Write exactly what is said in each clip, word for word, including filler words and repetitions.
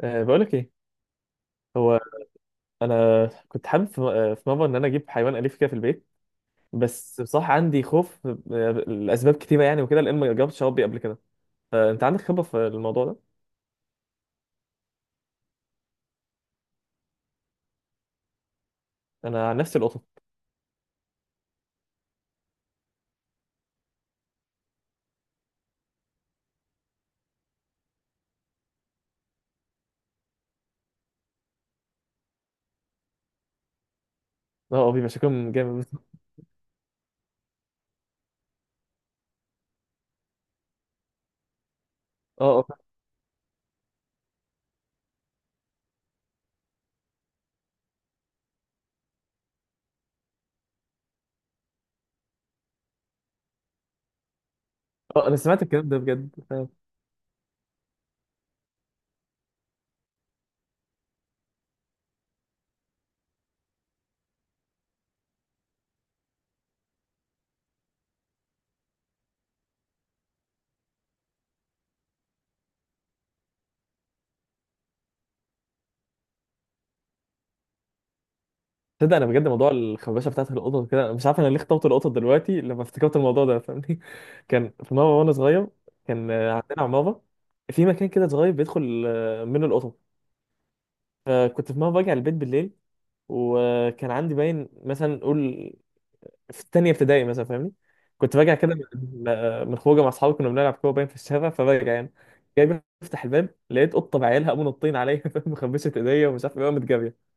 أه، بقول لك ايه، هو انا كنت حابب في آه، في مره ان انا اجيب حيوان اليف كده في البيت. بس بصراحه عندي خوف آه، لاسباب كتيره يعني وكده، لان ما جربتش اربي قبل كده. فانت عندك خبره في الموضوع ده؟ انا عن نفسي القطط. اه، آه، بيبقى شكلهم جامد. اه، اه، اه، انا سمعت الكلام ده بجد، فاهم. تصدق، انا بجد موضوع الخربشه بتاعت القطط كده، أنا مش عارف انا ليه اخترت القطط دلوقتي لما افتكرت الموضوع ده، فاهمني؟ كان في مره وانا صغير، كان آه، عندنا عماره في مكان كده صغير، بيدخل آه، منه القطط. فكنت في مره راجع البيت بالليل، وكان عندي باين مثلا نقول في التانية ابتدائي مثلا، فاهمني. كنت راجع كده من من خروجه مع اصحابي، كنا بنلعب كوره باين في الشارع، فراجع يعني، جاي بفتح الباب، لقيت قطه بعيالها، قاموا نطين عليا، فاهم، مخبشه ايديا ومش عارف ايه، قامت جاريه.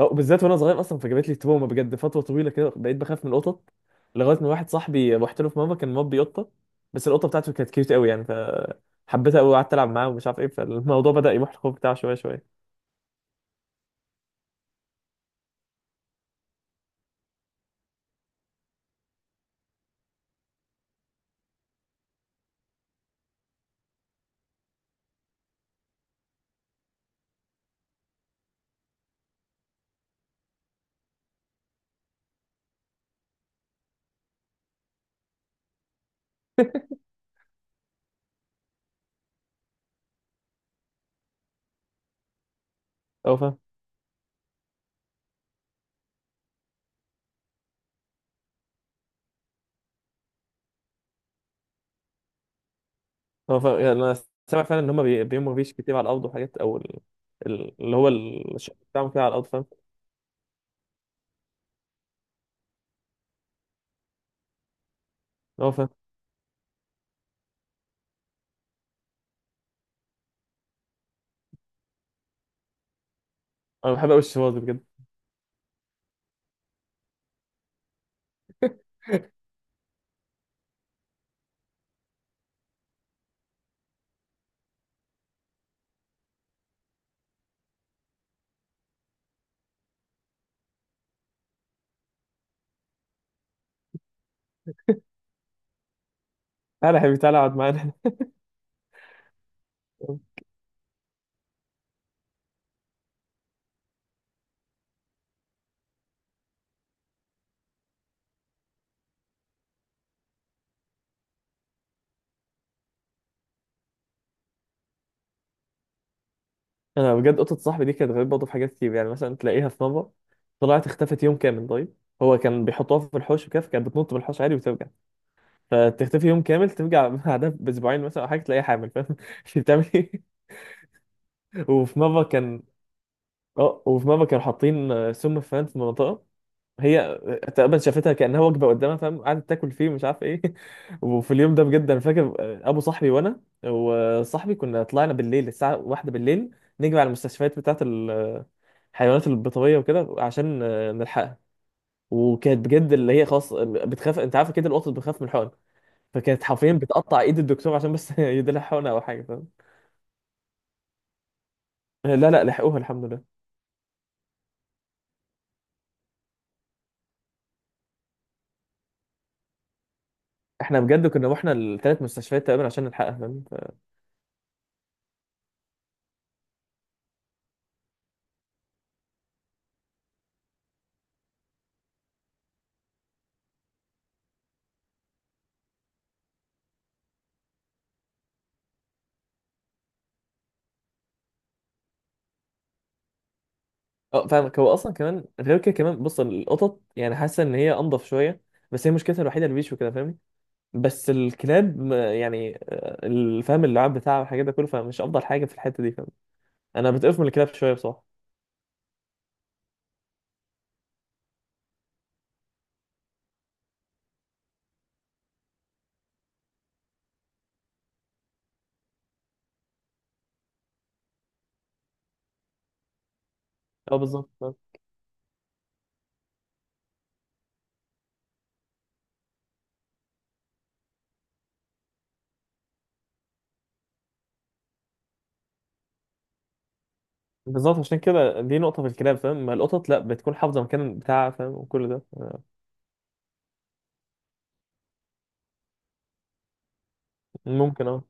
أو بالذات وانا صغير اصلا، فجابت لي تروما بجد فتره طويله كده، بقيت بخاف من القطط. لغايه ما واحد صاحبي رحت له في مره، كان مربي قطه، بس القطه بتاعته كانت كيوت قوي يعني، فحبيتها قوي وقعدت العب معاه ومش عارف ايه، فالموضوع بدا يروح الخوف بتاعه شويه شويه. او فاهم. هو ف... يعني انا سامع فعلا ان هم بي... بيموا فيش كتير على الارض وحاجات، او ال... ال- اللي هو ال- الشغل بتاعهم كده على الارض، فاهم. اللي هو فاهم. انا بحب قوي الشواذ بجد. تعالى يا حبيبي، تعالى اقعد معانا. انا بجد، قطه صاحبي دي كانت غريبه برضه في حاجات كتير يعني، مثلا تلاقيها في مره طلعت اختفت يوم كامل. طيب، هو كان بيحطوها في الحوش وكده، كانت بتنط بالحوش عادي وترجع. فتختفي يوم كامل ترجع بعدها باسبوعين مثلا او حاجه، تلاقيها حامل، فاهم، مش بتعمل ايه. وفي مره كان اه وفي ماما كانوا حاطين آه، سم فان في منطقه، هي آه، تقريبا شافتها كانها وجبه قدامها، فاهم، قعدت تاكل فيه مش عارف ايه. وفي اليوم ده بجد انا فاكر، آه، ابو صاحبي وانا وصاحبي كنا طلعنا بالليل الساعه واحدة بالليل، نجري على المستشفيات بتاعه الحيوانات البيطريه وكده عشان آه، نلحقها. وكانت بجد اللي هي خلاص آه، بتخاف، انت عارف كده القطط بتخاف من الحقن. فكانت حرفيا بتقطع ايد الدكتور عشان بس يديلها حقنه او حاجه، فاهم. لا، لا، لحقوها الحمد لله. احنا بجد كنا رحنا الثلاث مستشفيات تقريبا عشان نلحقها، فاهم. اه فاهمك، هو اصلا كمان غير كده كمان بص، القطط يعني حاسه ان هي انضف شويه، بس هي مشكلتها الوحيده البيش وكده، فاهمني. بس الكلاب ما- يعني آه، الفهم، اللعاب بتاعها والحاجات ده كله، فمش افضل حاجه في الحته دي، فاهم. انا بتقف من الكلاب شويه بصراحه. اه بالظبط فاهم. بالظبط عشان كده دي نقطه في الكلاب، فاهم، ما القطط لا بتكون حافظه مكان بتاعها، فاهم، وكل ده آه، ممكن، اه.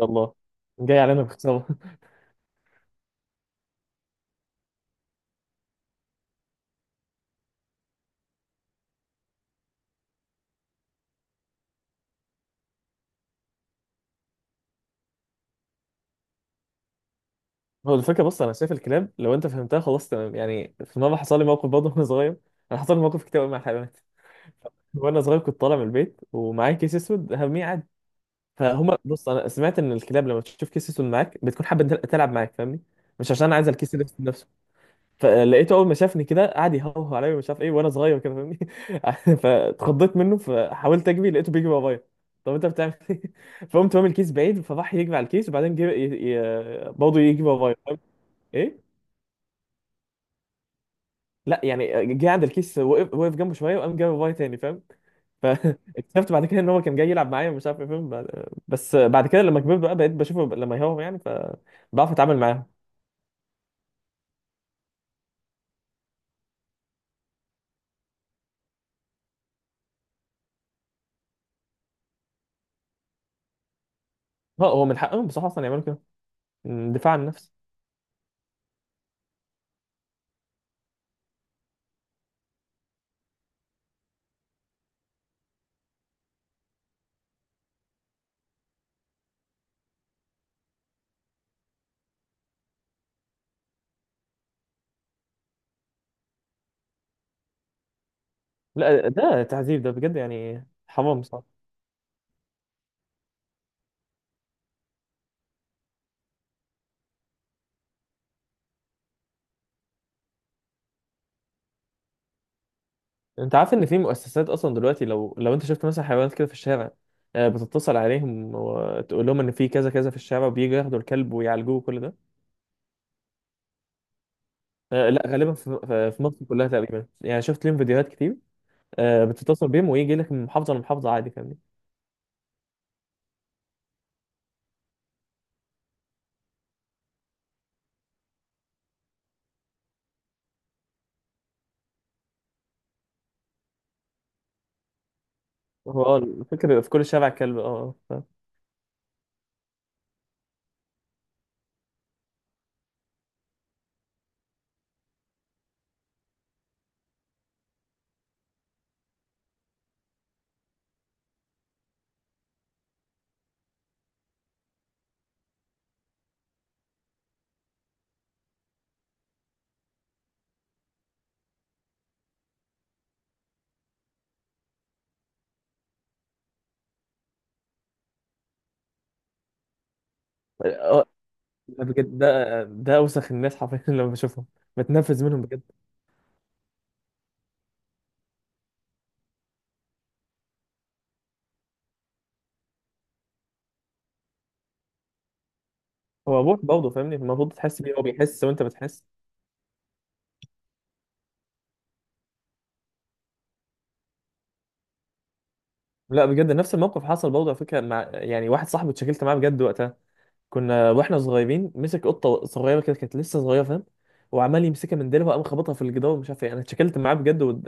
يلا، جاي علينا بخساره. هو الفكره بص، انا شايف الكلاب لو انت فهمتها خلاص تمام، يعني في مره حصل لي موقف برضه وانا صغير. انا حصل لي مواقف كتير قوي مع الحيوانات. وانا صغير كنت طالع من البيت ومعايا كيس اسود هرميه عادي. فهما بص، انا سمعت ان الكلاب لما تشوف كيس اسود معاك بتكون حابه تل- تلعب معاك، فاهمني، مش عشان عايز الكيس الاسود نفسه. فلقيته اول ما شافني كده قعد يهوه عليا ومش عارف ايه، وانا صغير كده، فاهمني. فاتخضيت منه، فحاولت اجري لقيته بيجري ورايا. طب انت بتعمل ايه؟ فقمت رامي الكيس بعيد، فراح يجري على الكيس وبعدين جه ي... ي... برضه يجري ورايا، فاهم؟ ايه. لا، يعني جه عند الكيس، وقف، وقف جنبه شويه وقام جري ورايا تاني، فاهم. فاكتشفت بعد كده ان هو كان جاي يلعب معايا ومش عارف ايه، فاهم، بعد- بس بعد كده لما كبرت بقى بقيت بشوفه لما يهاهم يعني، فبعرف اتعامل معاهم. اه هو من حقهم بصراحه اصلا يعملوا كده، دفاع عن النفس. لا، ده تعذيب، ده بجد يعني حرام بصراحه. انت عارف ان في مؤسسات اصلا دلوقتي، لو لو انت شفت مثلا حيوانات كده في الشارع، آه، بتتصل عليهم وتقول لهم ان في كذا كذا في الشارع، وبييجوا ياخدوا الكلب ويعالجوه وكل ده. آه، لا، غالبا في في- في مصر كلها تقريبا يعني، شفت لهم فيديوهات كتير. آه، بتتصل بيهم ويجي لك من محافظه لمحافظه عادي، فاهم. هو، اه، الفكرة في كل شارع كلب، اه، ف- اه. ده بجد، ده ده اوسخ الناس حرفيا، لما بشوفهم بتنفذ منهم بجد. هو ابوك برضه، فاهمني، المفروض تحس بيه، هو بيحس وانت بتحس. لا بجد، نفس الموقف حصل برضه على فكرة، مع يعني واحد صاحبي، اتشكلت معاه بجد وقتها. كنا واحنا صغيرين، مسك قطة صغيرة كده، كانت لسه صغيرة، فاهم. وعمال يمسكها من ديلها وقام خبطها في الجدار ومش عارف ايه، انا اتشكلت معاه بجد و...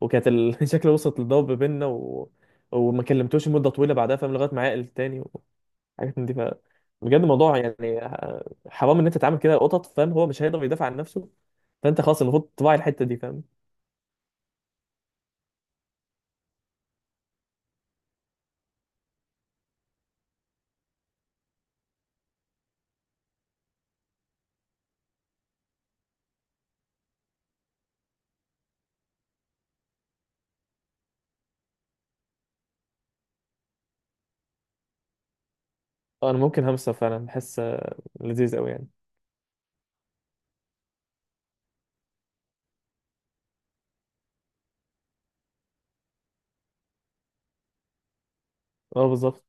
وكانت ال... شكله وصلت للضرب بينا و... وما كلمتوش مدة طويلة بعدها، فاهم، لغاية ما عقل تاني. حاجات من دي، ف بجد الموضوع يعني آه، حرام ان انت تتعامل كده قطط، فاهم، هو مش هيقدر يدافع عن نفسه. فانت خلاص، المفروض تراعي الحته دي، فاهم. انا ممكن همسه فعلا، بحس لذيذ قوي يعني. اه بالظبط.